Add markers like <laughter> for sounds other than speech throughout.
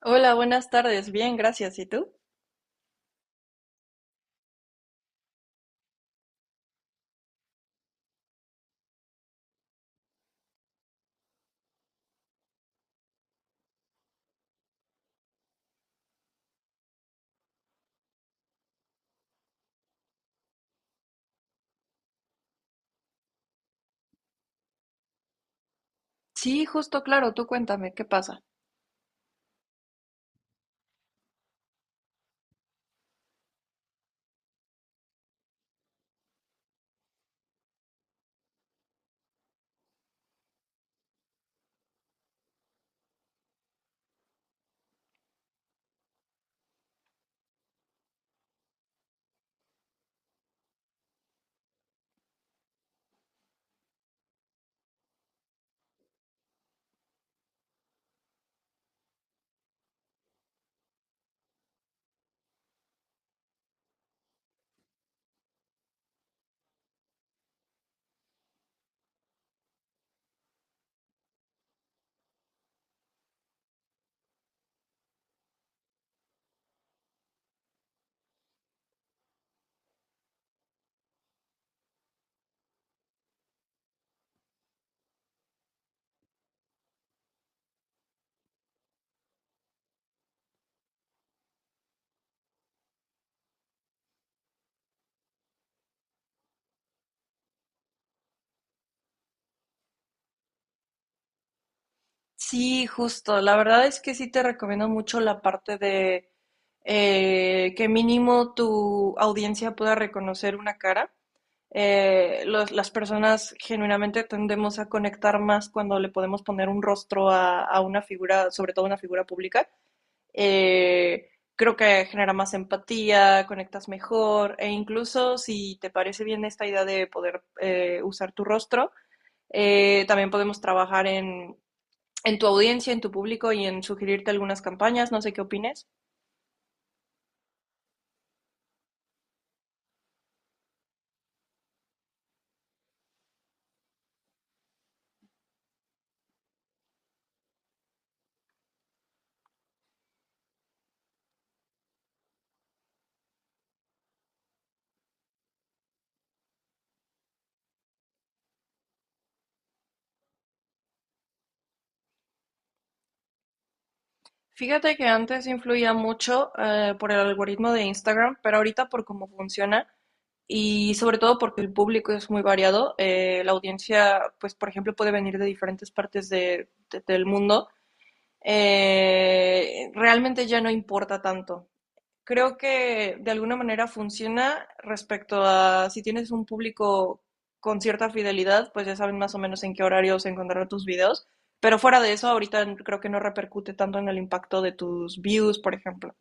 Hola, buenas tardes. Bien, gracias. ¿Y tú? Sí, justo, claro, tú cuéntame, ¿qué pasa? Sí, justo. La verdad es que sí te recomiendo mucho la parte de que mínimo tu audiencia pueda reconocer una cara. Las personas genuinamente tendemos a conectar más cuando le podemos poner un rostro a una figura, sobre todo una figura pública. Eh, Creo que genera más empatía, conectas mejor e incluso si te parece bien esta idea de poder usar tu rostro, también podemos trabajar en tu audiencia, en tu público y en sugerirte algunas campañas, no sé qué opines. Fíjate que antes influía mucho por el algoritmo de Instagram, pero ahorita por cómo funciona y sobre todo porque el público es muy variado, la audiencia, pues por ejemplo, puede venir de diferentes partes del mundo. Eh, realmente ya no importa tanto. Creo que de alguna manera funciona respecto a si tienes un público con cierta fidelidad, pues ya saben más o menos en qué horarios encontrar tus videos. Pero fuera de eso, ahorita creo que no repercute tanto en el impacto de tus views, por ejemplo.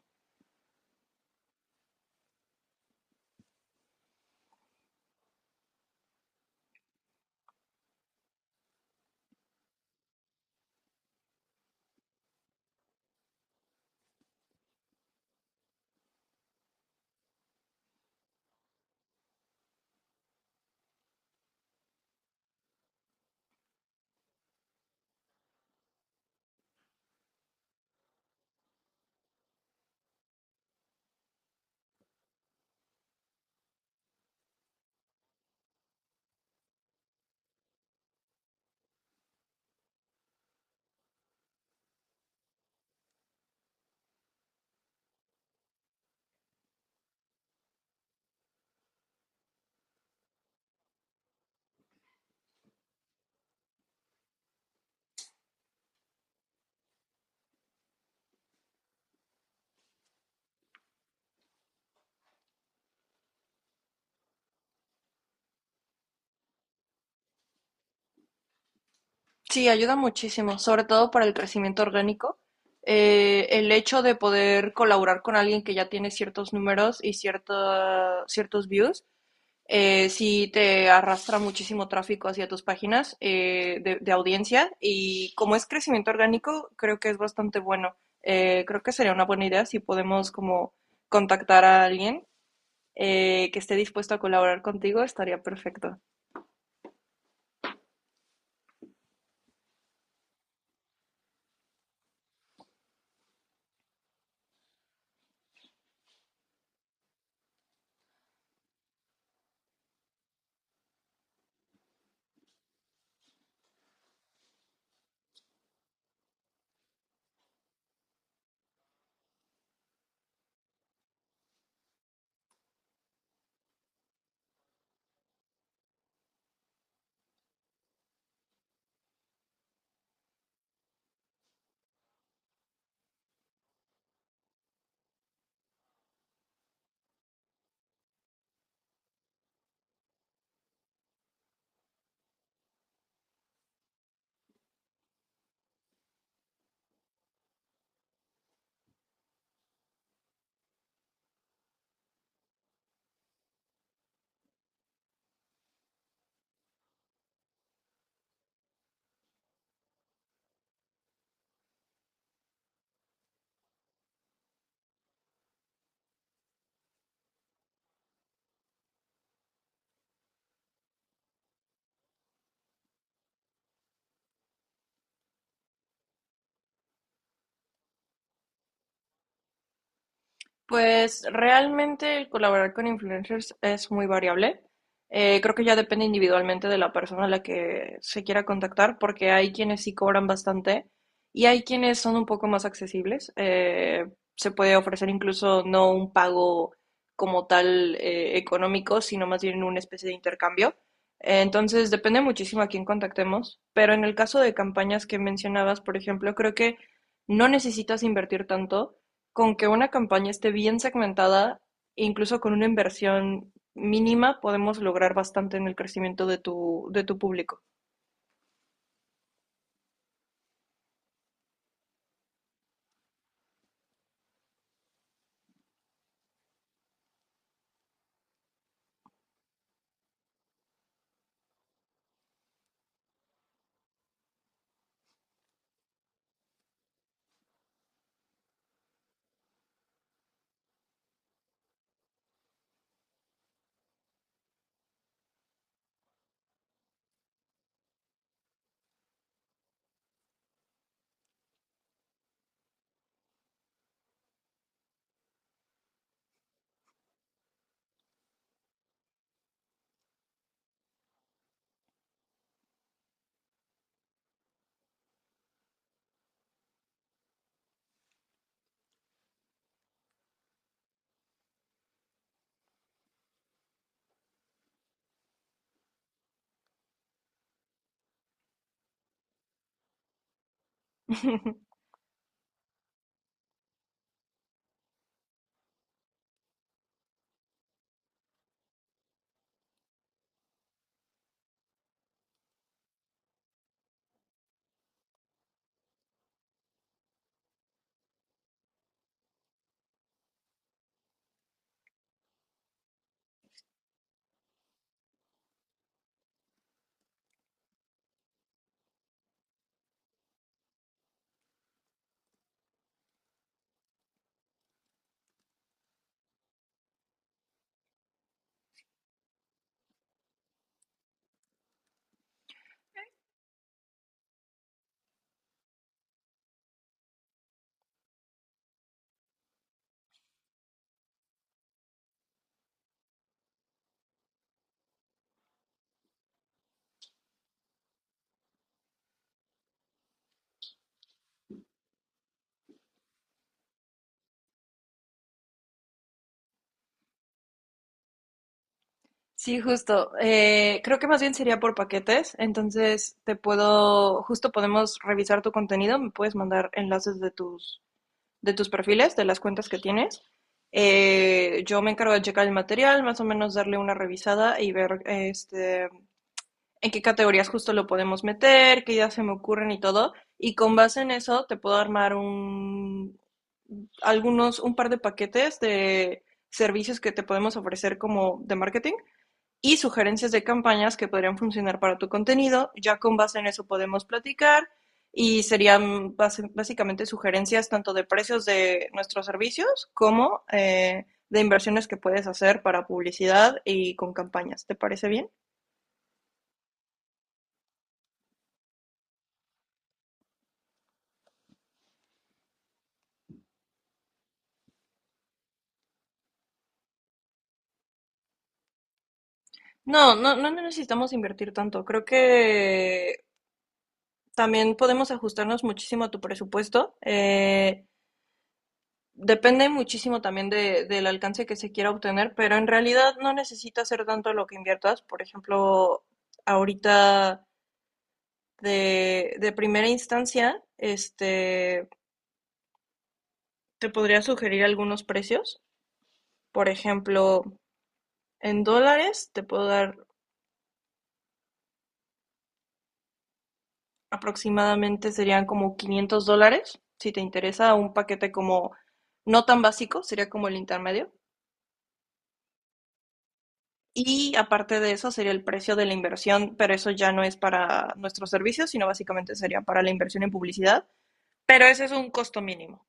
Sí, ayuda muchísimo, sobre todo para el crecimiento orgánico. El hecho de poder colaborar con alguien que ya tiene ciertos números y ciertos views, sí te arrastra muchísimo tráfico hacia tus páginas de audiencia, y como es crecimiento orgánico, creo que es bastante bueno. Creo que sería una buena idea si podemos como contactar a alguien, que esté dispuesto a colaborar contigo, estaría perfecto. Pues realmente el colaborar con influencers es muy variable. Creo que ya depende individualmente de la persona a la que se quiera contactar, porque hay quienes sí cobran bastante y hay quienes son un poco más accesibles. Se puede ofrecer incluso no un pago como tal económico, sino más bien una especie de intercambio. Entonces depende muchísimo a quién contactemos, pero en el caso de campañas que mencionabas, por ejemplo, creo que no necesitas invertir tanto; con que una campaña esté bien segmentada, incluso con una inversión mínima, podemos lograr bastante en el crecimiento de de tu público. <laughs> Sí, justo. Creo que más bien sería por paquetes. Entonces, justo podemos revisar tu contenido. Me puedes mandar enlaces de tus perfiles, de las cuentas que tienes. Yo me encargo de checar el material, más o menos darle una revisada y ver este, en qué categorías justo lo podemos meter, qué ideas se me ocurren y todo. Y con base en eso te puedo armar un algunos, un par de paquetes de servicios que te podemos ofrecer como de marketing y sugerencias de campañas que podrían funcionar para tu contenido. Ya con base en eso podemos platicar y serían básicamente sugerencias tanto de precios de nuestros servicios como de inversiones que puedes hacer para publicidad y con campañas. ¿Te parece bien? No, no, no necesitamos invertir tanto. Creo que también podemos ajustarnos muchísimo a tu presupuesto. Depende muchísimo también del alcance que se quiera obtener, pero en realidad no necesita ser tanto lo que inviertas. Por ejemplo, ahorita de primera instancia, este, te podría sugerir algunos precios. Por ejemplo, en dólares te puedo dar aproximadamente, serían como $500, si te interesa, un paquete como no tan básico, sería como el intermedio. Y aparte de eso sería el precio de la inversión, pero eso ya no es para nuestros servicios, sino básicamente sería para la inversión en publicidad. Pero ese es un costo mínimo.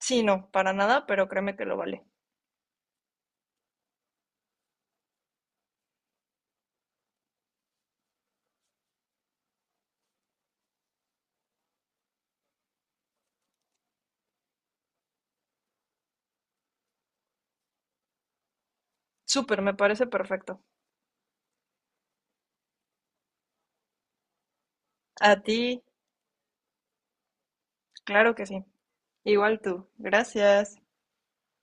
Sí, no, para nada, pero créeme que lo vale. Súper, me parece perfecto. A ti, claro que sí. Igual tú. Gracias.